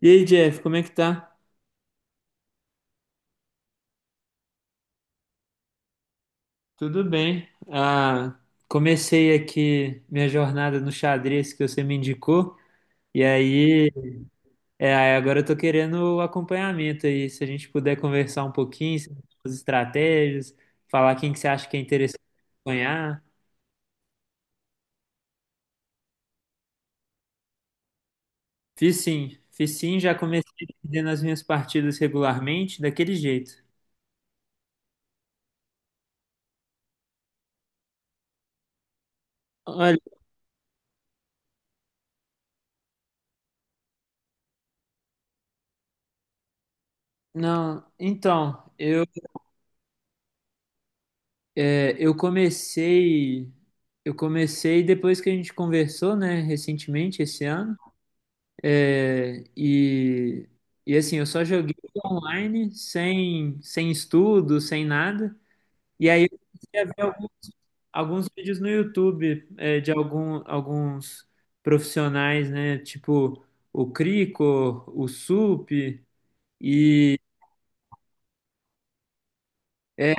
E aí, Jeff, como é que tá? Tudo bem. Comecei aqui minha jornada no xadrez que você me indicou, e aí aí agora eu tô querendo o acompanhamento aí. Se a gente puder conversar um pouquinho sobre as estratégias, falar quem que você acha que é interessante acompanhar. Fiz sim, já comecei perdendo as minhas partidas regularmente, daquele jeito. Olha, não, então, eu comecei, eu comecei depois que a gente conversou, né, recentemente esse ano. É, e, e assim, eu só joguei online, sem estudo, sem nada. E aí eu comecei a ver alguns vídeos no YouTube, de alguns profissionais, né, tipo o Crico, o Sup, e é,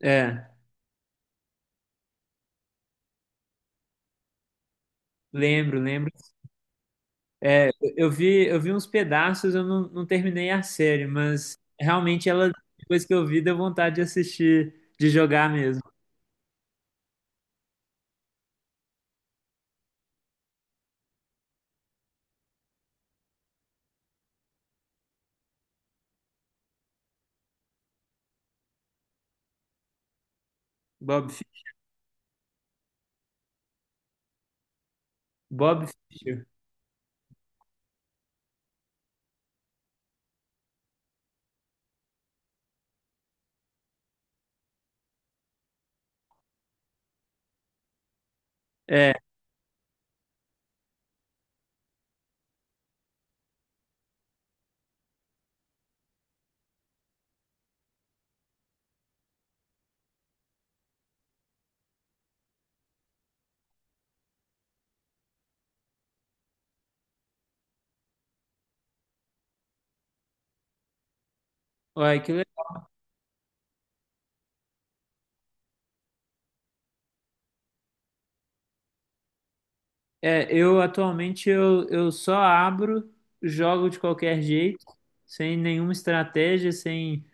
é, lembro, lembro. É, eu vi uns pedaços, eu não terminei a série, mas realmente depois que eu vi, deu vontade de assistir, de jogar mesmo. Bob, Fi- Bob Fischer. É, olha, eu atualmente eu só abro, jogo de qualquer jeito, sem nenhuma estratégia, sem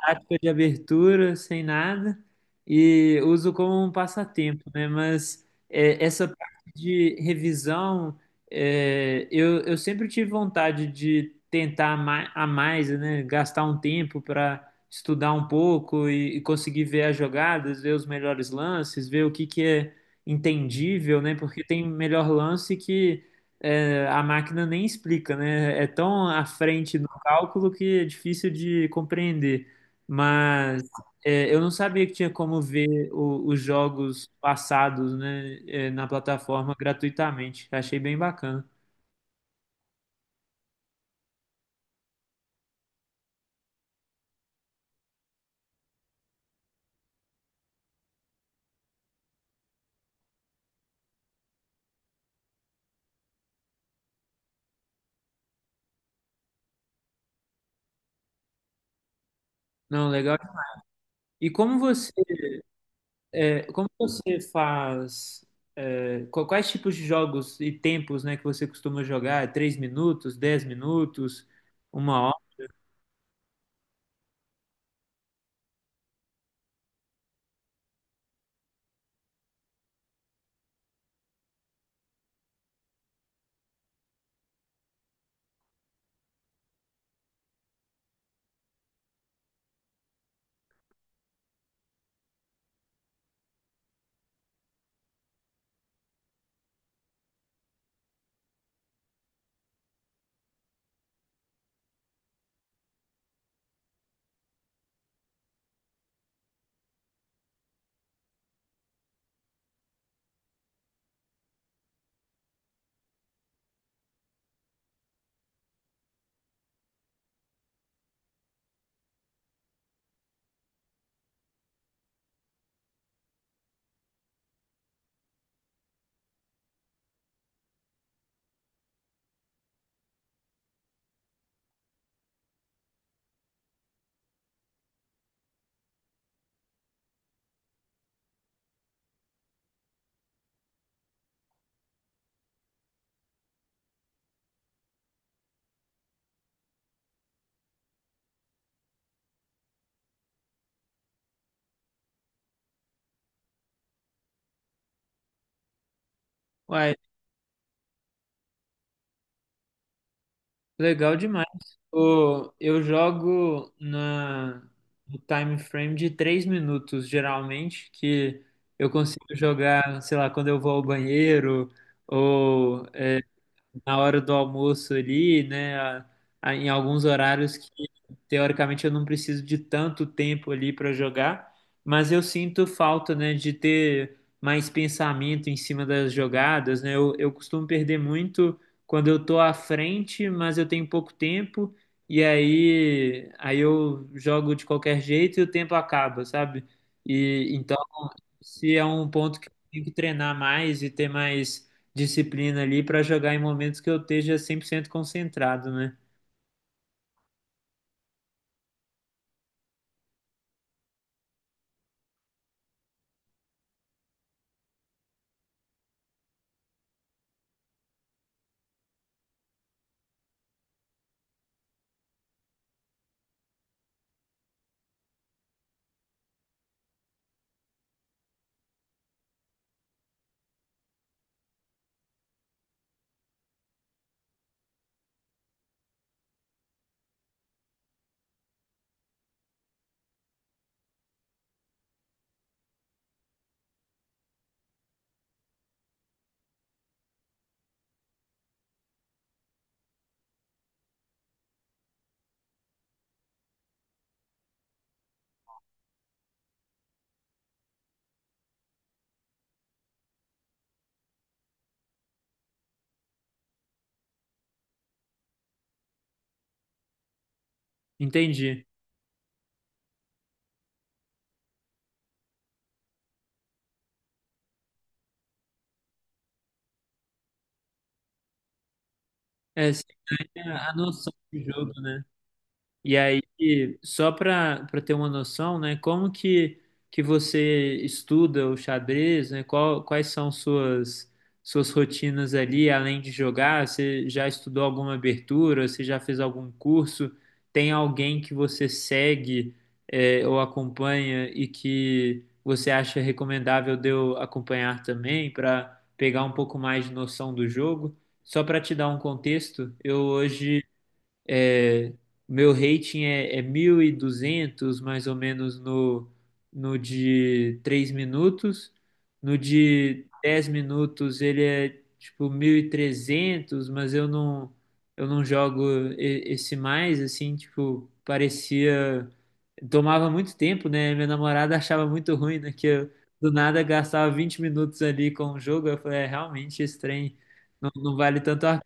tática de abertura, sem nada, e uso como um passatempo, né? Mas é, essa parte de revisão, eu sempre tive vontade de tentar a mais, né? Gastar um tempo para estudar um pouco e conseguir ver as jogadas, ver os melhores lances, ver o que que é entendível, né? Porque tem melhor lance que a máquina nem explica, né? É tão à frente no cálculo que é difícil de compreender. Mas é, eu não sabia que tinha como ver os jogos passados, né, é, na plataforma gratuitamente. Achei bem bacana. Não, legal. E como você, é, como você faz, é, quais tipos de jogos e tempos, né, que você costuma jogar? É 3 minutos, 10 minutos, uma hora? Legal demais. Eu jogo no time frame de 3 minutos, geralmente, que eu consigo jogar, sei lá, quando eu vou ao banheiro, ou na hora do almoço ali, né? Em alguns horários que teoricamente eu não preciso de tanto tempo ali para jogar, mas eu sinto falta, né, de ter mais pensamento em cima das jogadas, né? Eu costumo perder muito quando eu tô à frente, mas eu tenho pouco tempo e aí eu jogo de qualquer jeito e o tempo acaba, sabe? E se é um ponto que eu tenho que treinar mais e ter mais disciplina ali para jogar em momentos que eu esteja 100% concentrado, né? Entendi. É, você tem a noção do jogo, né? E aí, só para ter uma noção, né, como que você estuda o xadrez, né? Qual, quais são suas suas rotinas ali, além de jogar? Você já estudou alguma abertura? Você já fez algum curso? Tem alguém que você segue é, ou acompanha e que você acha recomendável de eu acompanhar também para pegar um pouco mais de noção do jogo? Só para te dar um contexto, eu hoje é, meu rating é, é 1200 mais ou menos, no de 3 minutos. No de 10 minutos ele é tipo 1300 mas eu eu não jogo esse mais, assim, tipo, parecia... Tomava muito tempo, né? Minha namorada achava muito ruim, né? Que eu, do nada, gastava 20 minutos ali com o jogo. Eu falei, é, realmente, esse trem não vale tanto a...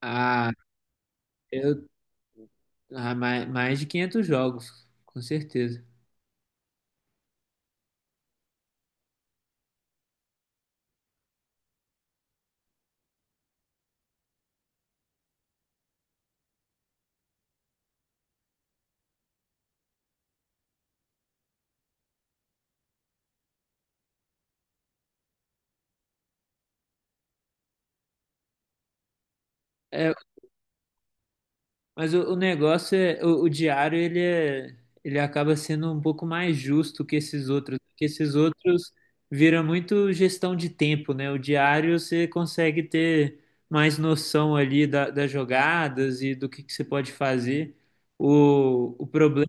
Ah, eu mais de 500 jogos, com certeza. É, mas o negócio é, o diário ele é, ele acaba sendo um pouco mais justo que esses outros vira muito gestão de tempo, né? O diário você consegue ter mais noção ali das jogadas e do que você pode fazer. O problema,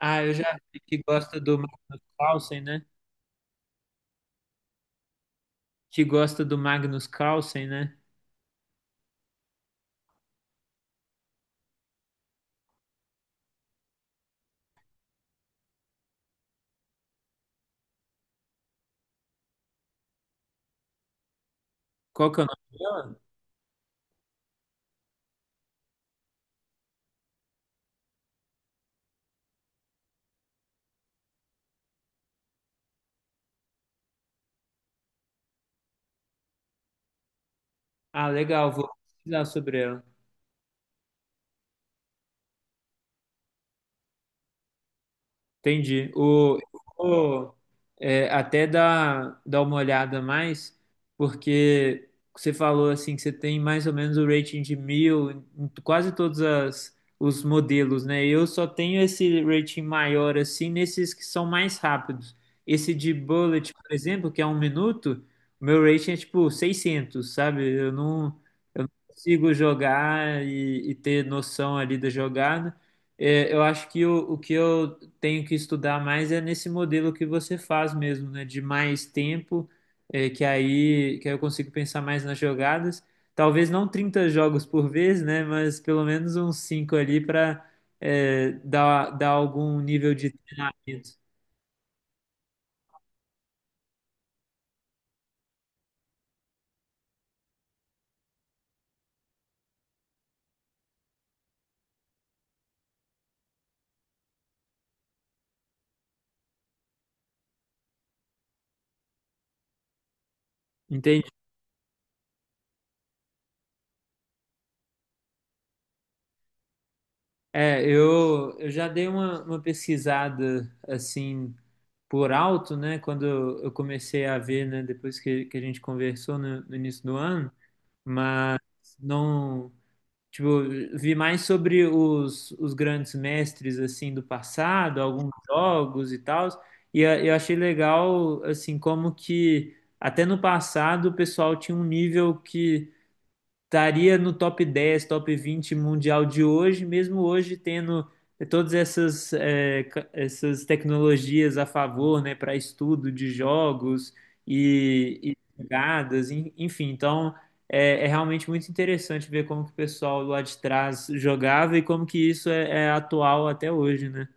ah, eu já vi que gosta do Magnus Carlsen, né? Que gosta do Magnus Carlsen, né? Qual que é o nome? Ah, legal, vou pesquisar sobre ela. Entendi. O- É, até dar, dar uma olhada mais, porque você falou assim que você tem mais ou menos o rating de mil em quase todos os modelos, né? Eu só tenho esse rating maior assim nesses que são mais rápidos. Esse de Bullet, por exemplo, que é um minuto, o meu rating é tipo 600, sabe? Eu não consigo jogar e ter noção ali da jogada. É, eu acho que o que eu tenho que estudar mais é nesse modelo que você faz mesmo, né? De mais tempo, é, que aí eu consigo pensar mais nas jogadas. Talvez não 30 jogos por vez, né? Mas pelo menos uns 5 ali para dar, dar algum nível de treinamento. Entende? É, eu já dei uma pesquisada assim por alto, né? Quando eu comecei a ver, né? Depois que a gente conversou no início do ano, mas não. Tipo, vi mais sobre os grandes mestres, assim, do passado, alguns jogos e tal, e eu achei legal, assim, como que até no passado o pessoal tinha um nível que estaria no top 10, top 20 mundial de hoje, mesmo hoje tendo todas essas, essas tecnologias a favor, né, para estudo de jogos e jogadas, enfim. Então, é, é realmente muito interessante ver como que o pessoal lá de trás jogava e como que isso é, é atual até hoje, né?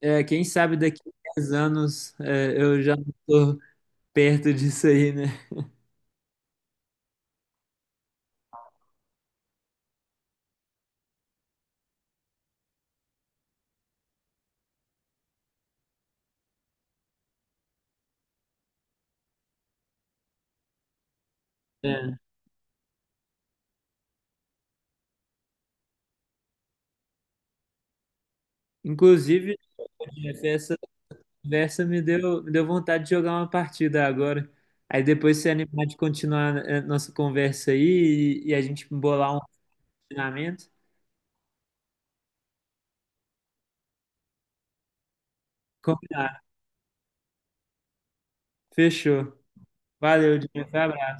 É, quem sabe daqui a 10 anos, é, eu já não tô perto disso aí, né? É. Inclusive, Jeff, essa conversa me deu vontade de jogar uma partida agora. Aí depois se animar de continuar a nossa conversa aí e a gente bolar um treinamento. Combinado. Fechou. Valeu, Diego. Foi